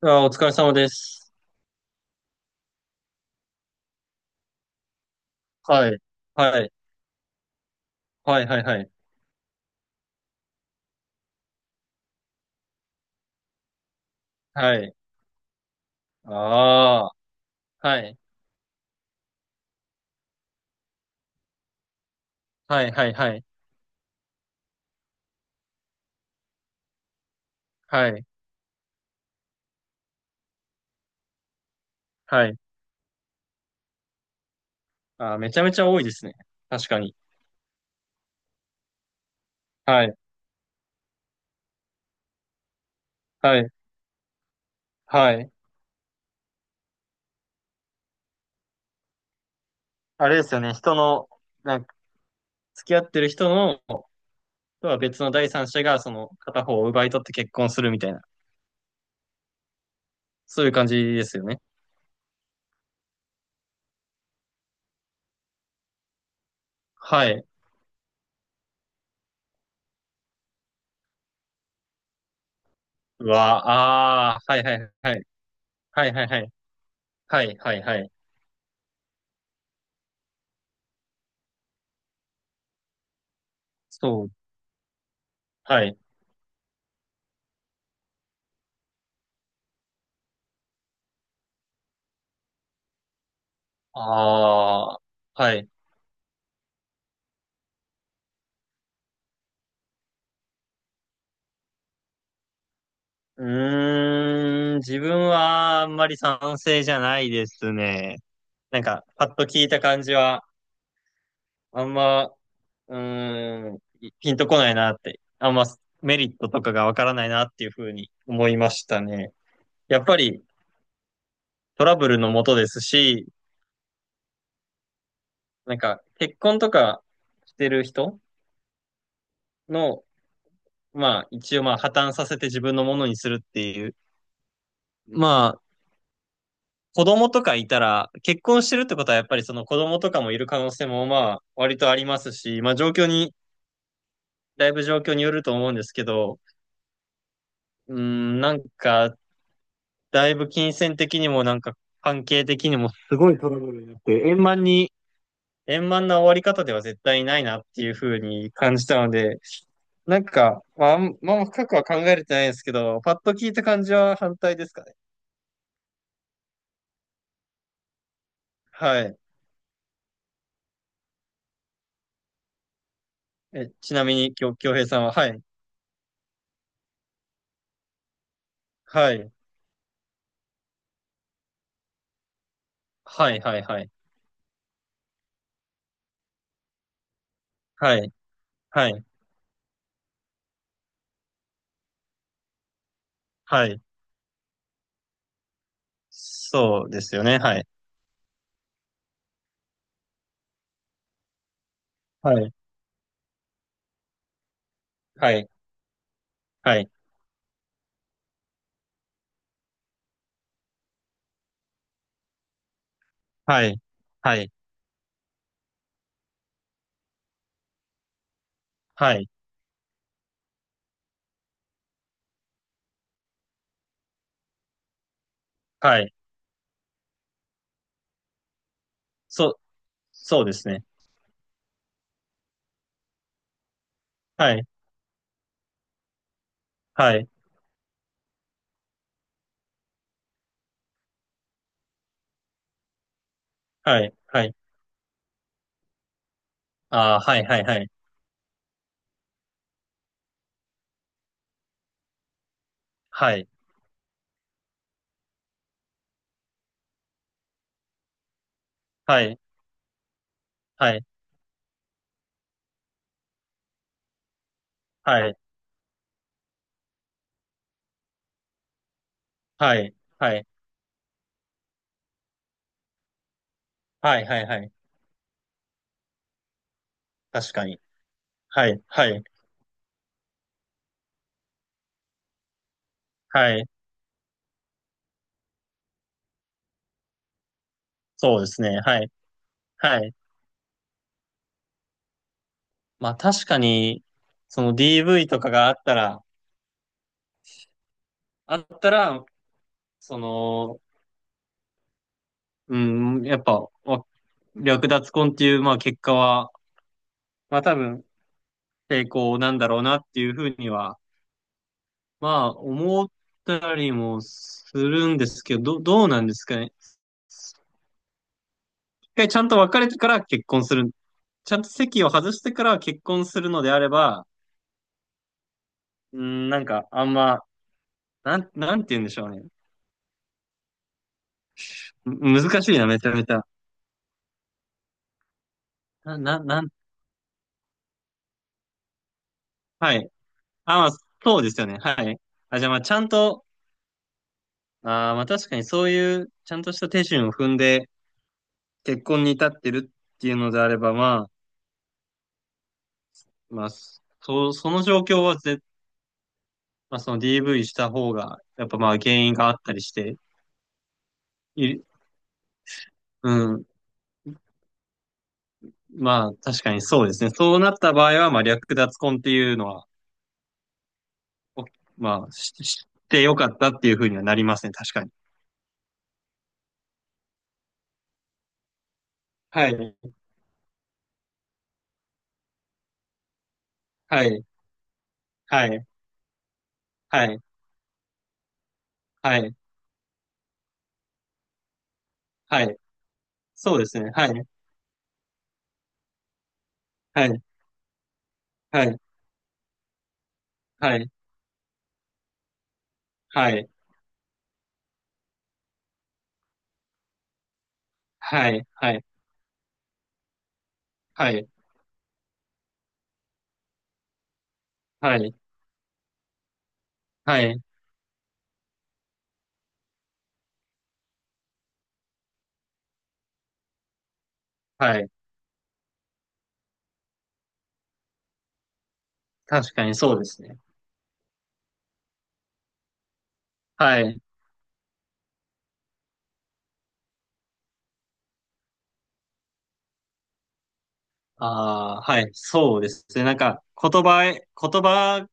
あー、お疲れ様です。はい。はい。はい、はい、はい。はい。ああ、はい。はい、はい、はい。はい。はい。ああ、めちゃめちゃ多いですね。確かに。はい。はい。はい。あれですよね。人の、なんか、付き合ってる人の、とは別の第三者が、その、片方を奪い取って結婚するみたいな。そういう感じですよね。はい。うわあ、ああ、はい、はい、はい。はい、はい、はい。はい、はい、はい。そう。はい。ああ、はい。うーん、自分はあんまり賛成じゃないですね。なんか、パッと聞いた感じは、あんま、うーん、ピンとこないなって、あんまメリットとかがわからないなっていうふうに思いましたね。やっぱりトラブルのもとですし、なんか、結婚とかしてる人の、まあ、一応まあ、破綻させて自分のものにするっていう、まあ、子供とかいたら、結婚してるってことはやっぱりその子供とかもいる可能性もまあ割とありますし、まあ状況に、だいぶ状況によると思うんですけど、うーん、なんか、だいぶ金銭的にもなんか関係的にもすごいトラブルになって、円満な終わり方では絶対ないなっていうふうに感じたので、なんか、まあ、深くは考えれてないんですけど、パッと聞いた感じは反対ですかね。はい。ちなみに、京平さんは、はい。はい。はい、はい、はい。はい。はい。はい。そうですよね。はい。はい。はい。はい。はい。はい。はい。はい。そう、そうですね。はい。はい。はい。はい。ああ、はい。はい。はい。はい。はい。はい。はい。はい。はい。はい。はい。はい。確かに。はい。はい。はい。そうですね。はい。はい。まあ確かに、その DV とかがあったら、あったら、その、うん、やっぱ、略奪婚っていう、まあ結果は、まあ多分、成功なんだろうなっていうふうには、まあ思ったりもするんですけど、どうなんですかね。一回ちゃんと別れてから結婚する。ちゃんと席を外してから結婚するのであれば、うーん、なんかなんて言うんでしょうね。難しいな、めちゃめちゃ。な、な、なん、はい。あ、まあ、そうですよね。はい。あ、じゃあまあちゃんと、まあ確かにそういうちゃんとした手順を踏んで結婚に至ってるっていうのであれば、まあ、まあ、その状況はまあ、その DV した方が、やっぱまあ原因があったりして、い、うん、まあ確かにそうですね。そうなった場合は、まあ略奪婚っていうのは、おまあ知ってよかったっていうふうにはなりますね。確かに。はい、はい、はい、はい、はい、はい。そうですね。はい、はい、はい、はい、はい、はい、はい、はい、はい、はい、はい。確かにそうですね。はい。ああ、はい、そうですね。なんか、言葉、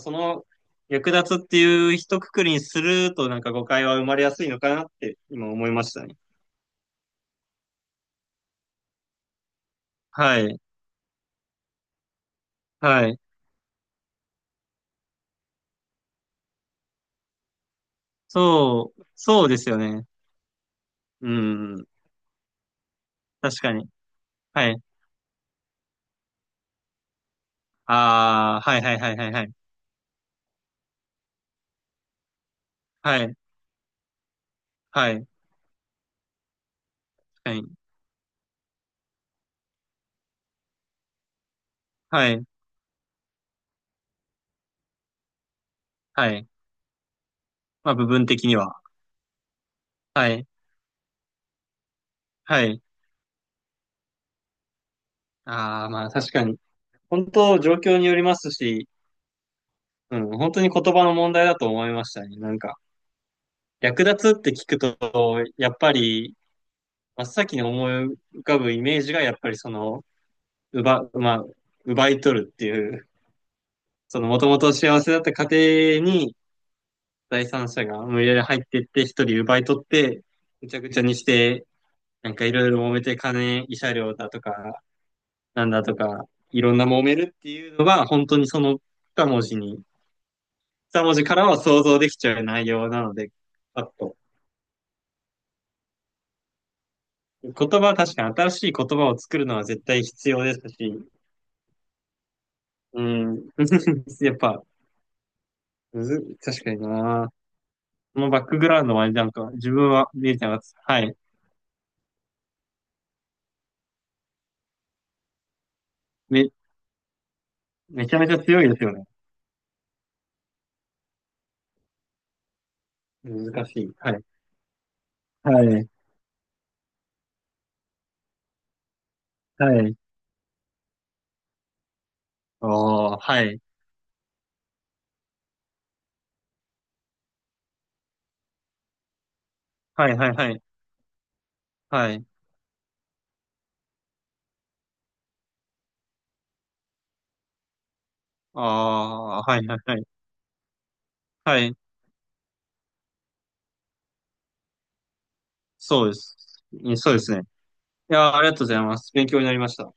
その、略奪っていう一括りにすると、なんか誤解は生まれやすいのかなって今思いましたね。はい、はい。そうですよね。うん、確かに。はい。ああ、はいはいはいはいはい。はい、はい、はい、はい、はい。まあ、部分的には。はい、はい。ああ、まあ、確かに。本当、状況によりますし、うん、本当に言葉の問題だと思いましたね。なんか。略奪って聞くと、やっぱり、真っ先に思い浮かぶイメージが、やっぱりその、まあ、奪い取るっていう、その、もともと幸せだった家庭に、第三者が無理やり入っていって、一人奪い取って、ぐちゃぐちゃにして、なんかいろいろ揉めて、金、慰謝料だとか、なんだとか、いろんな揉めるっていうのが、本当にその二文字に、二文字からは想像できちゃう内容なので、パッと言葉は確かに新しい言葉を作るのは絶対必要ですし、うん。やっぱ、むず、確かにな。そのバックグラウンドはなんか、自分は、みゆちゃんが、はい。め、めちゃめちゃ強いですよね。難しい。はい。はい。はい。ああ、はい。はいはいはい。はい。ああ、はいはいはい。はい。そうです。そうですね。いやー、ありがとうございます。勉強になりました。